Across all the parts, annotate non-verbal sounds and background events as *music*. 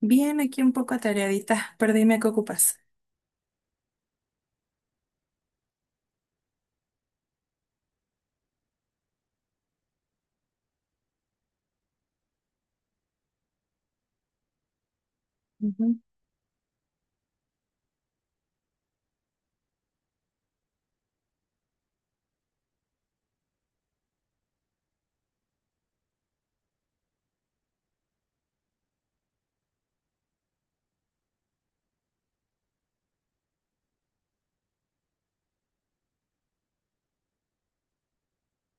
Bien, aquí un poco atareadita, *laughs* pero dime qué ocupas.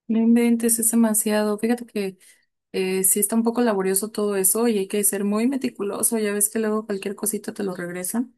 No inventes, es demasiado. Fíjate que sí está un poco laborioso todo eso y hay que ser muy meticuloso. Ya ves que luego cualquier cosita te lo regresan.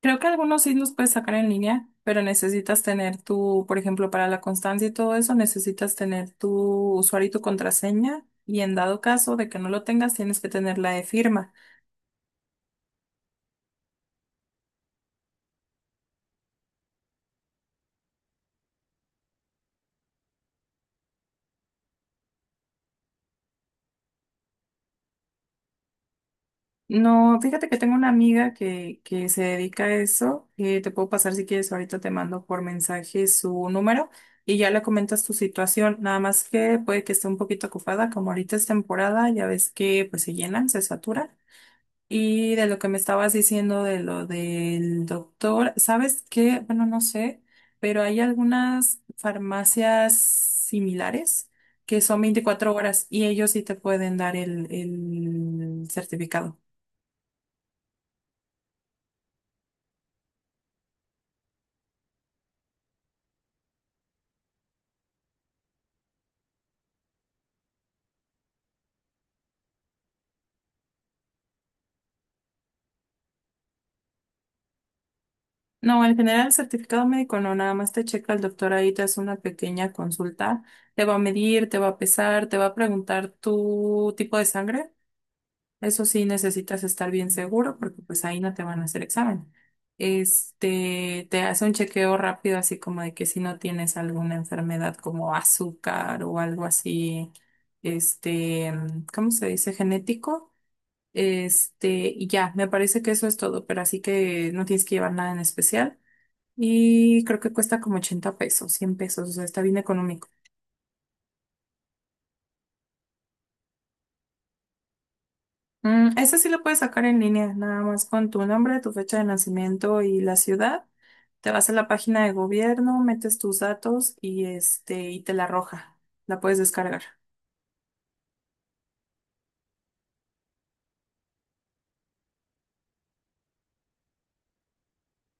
Creo que algunos sí los puedes sacar en línea, pero necesitas tener por ejemplo, para la constancia y todo eso, necesitas tener tu usuario y tu contraseña. Y en dado caso de que no lo tengas, tienes que tener la de firma. No, fíjate que tengo una amiga que se dedica a eso. Te puedo pasar si quieres, ahorita te mando por mensaje su número y ya le comentas tu situación. Nada más que puede que esté un poquito ocupada, como ahorita es temporada, ya ves que pues se llenan, se saturan. Y de lo que me estabas diciendo de lo del doctor, ¿sabes qué? Bueno, no sé, pero hay algunas farmacias similares que son 24 horas y ellos sí te pueden dar el certificado. No, en general el certificado médico no, nada más te checa el doctor ahí, te hace una pequeña consulta, te va a medir, te va a pesar, te va a preguntar tu tipo de sangre. Eso sí necesitas estar bien seguro porque pues ahí no te van a hacer examen. Te hace un chequeo rápido así como de que si no tienes alguna enfermedad como azúcar o algo así, este, ¿cómo se dice? Genético. Este, y ya, me parece que eso es todo, pero así que no tienes que llevar nada en especial. Y creo que cuesta como 80 pesos, 100 pesos, o sea, está bien económico. Mm, ese sí lo puedes sacar en línea, nada más con tu nombre, tu fecha de nacimiento y la ciudad. Te vas a la página de gobierno, metes tus datos y y te la arroja. La puedes descargar.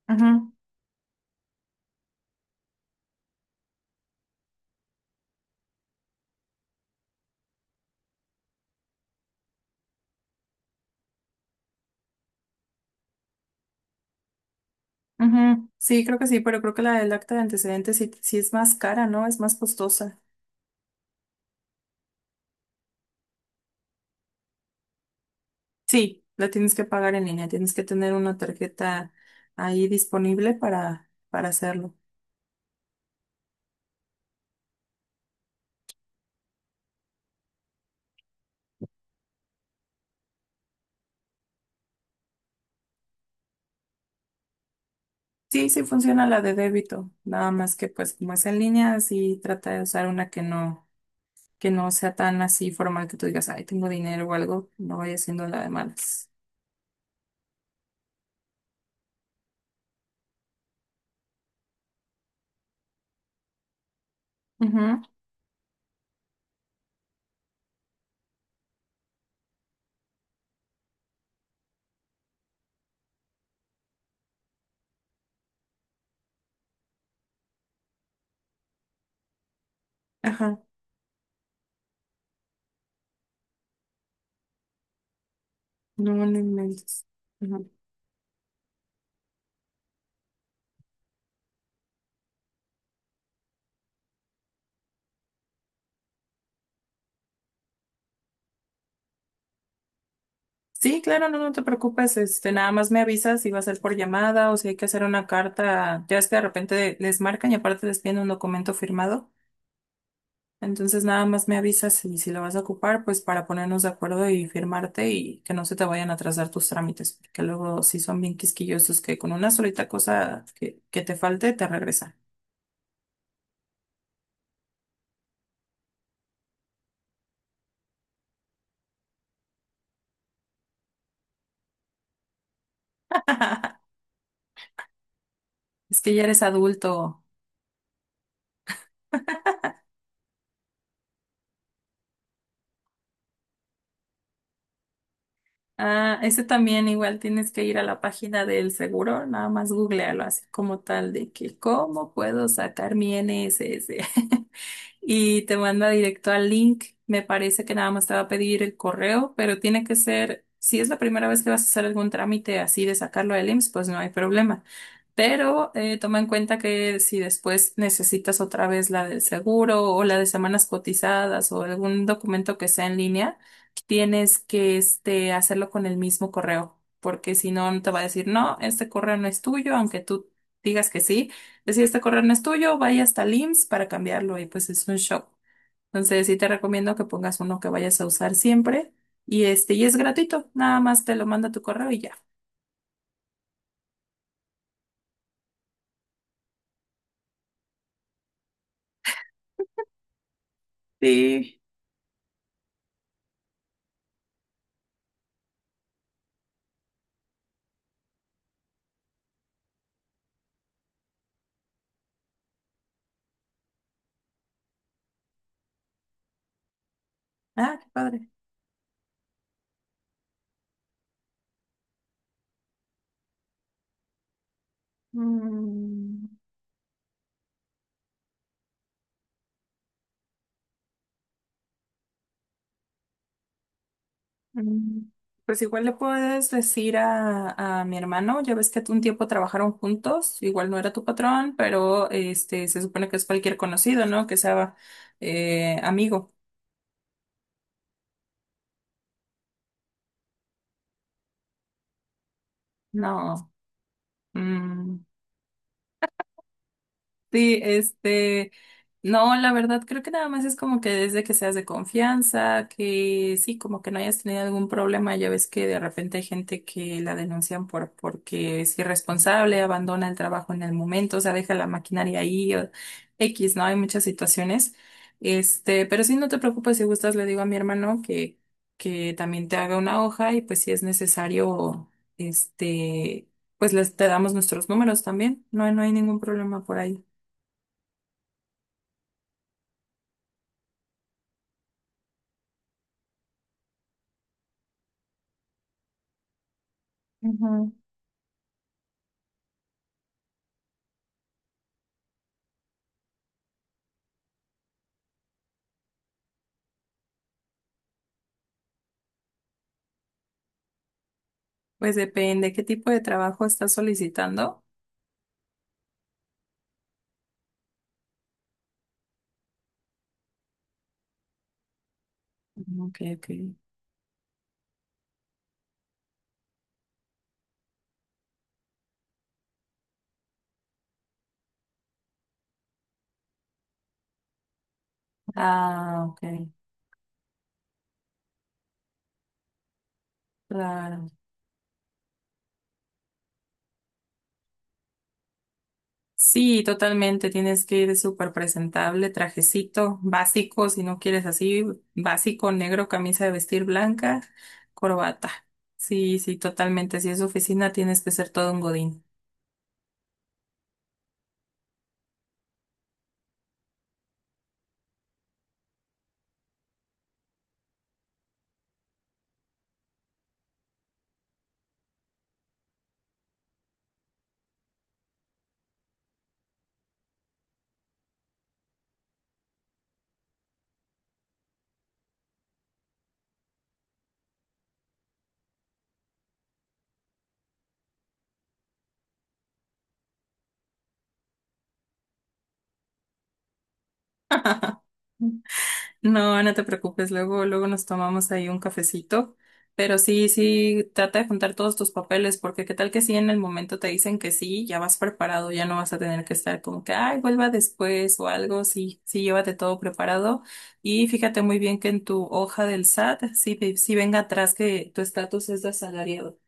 Ujú, ujú. Sí, creo que sí, pero creo que la del acta de antecedentes sí, sí es más cara, ¿no? Es más costosa. Sí, la tienes que pagar en línea, tienes que tener una tarjeta ahí disponible para hacerlo. Sí, sí funciona la de débito, nada más que pues como es en línea, sí trata de usar una que no sea tan así formal que tú digas, ay, tengo dinero o algo, no vaya siendo la de malas. Ujú. Ajá, no, no inventes. Ujú. Sí, claro, no, no te preocupes, nada más me avisas si va a ser por llamada o si hay que hacer una carta, ya es que de repente les marcan y aparte les piden un documento firmado. Entonces nada más me avisas si lo vas a ocupar, pues para ponernos de acuerdo y firmarte y que no se te vayan a atrasar tus trámites, porque luego si son bien quisquillosos que con una solita cosa que te falte te regresan. *laughs* Es que ya eres adulto. Ah, ese también igual tienes que ir a la página del seguro, nada más googlealo así como tal de que cómo puedo sacar mi NSS. *laughs* Y te manda directo al link. Me parece que nada más te va a pedir el correo, pero tiene que ser, si es la primera vez que vas a hacer algún trámite así de sacarlo del IMSS, pues no hay problema. Pero toma en cuenta que si después necesitas otra vez la del seguro o la de semanas cotizadas o algún documento que sea en línea, tienes que hacerlo con el mismo correo, porque si no, no te va a decir, no, este correo no es tuyo, aunque tú digas que sí. Decir, este correo no es tuyo, vaya hasta el IMSS para cambiarlo y pues es un shock. Entonces, sí te recomiendo que pongas uno que vayas a usar siempre y y es gratuito, nada más te lo manda tu correo y ya. Sí. Ah, qué padre. Mm. Mm. Pues igual le puedes decir a mi hermano, ya ves que un tiempo trabajaron juntos, igual no era tu patrón, pero este se supone que es cualquier conocido, ¿no? Que sea amigo. No. Mm. Sí, no, la verdad creo que nada más es como que desde que seas de confianza, que sí, como que no hayas tenido algún problema, ya ves que de repente hay gente que la denuncian porque es irresponsable, abandona el trabajo en el momento, o sea, deja la maquinaria ahí o X, ¿no? Hay muchas situaciones. Pero sí, no te preocupes, si gustas, le digo a mi hermano que también te haga una hoja y pues si es necesario, este, pues les te damos nuestros números también. No, no hay ningún problema por ahí. Ujú. Pues depende qué tipo de trabajo estás solicitando. Ok, ok. Ah, ok, claro. Sí, totalmente. Tienes que ir súper presentable, trajecito básico, si no quieres así, básico, negro, camisa de vestir blanca, corbata. Sí, sí, totalmente. Si es oficina, tienes que ser todo un godín. No, no te preocupes, luego, luego nos tomamos ahí un cafecito, pero sí, sí, trata de juntar todos tus papeles, porque qué tal que sí en el momento te dicen que sí, ya vas preparado, ya no vas a tener que estar como que, ay, vuelva después o algo, sí, sí, llévate todo preparado y fíjate muy bien que en tu hoja del SAT, sí, sí venga atrás que tu estatus es de asalariado.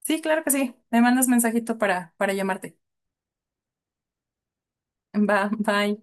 Sí, claro que sí, me mandas mensajito para llamarte. Va, bye.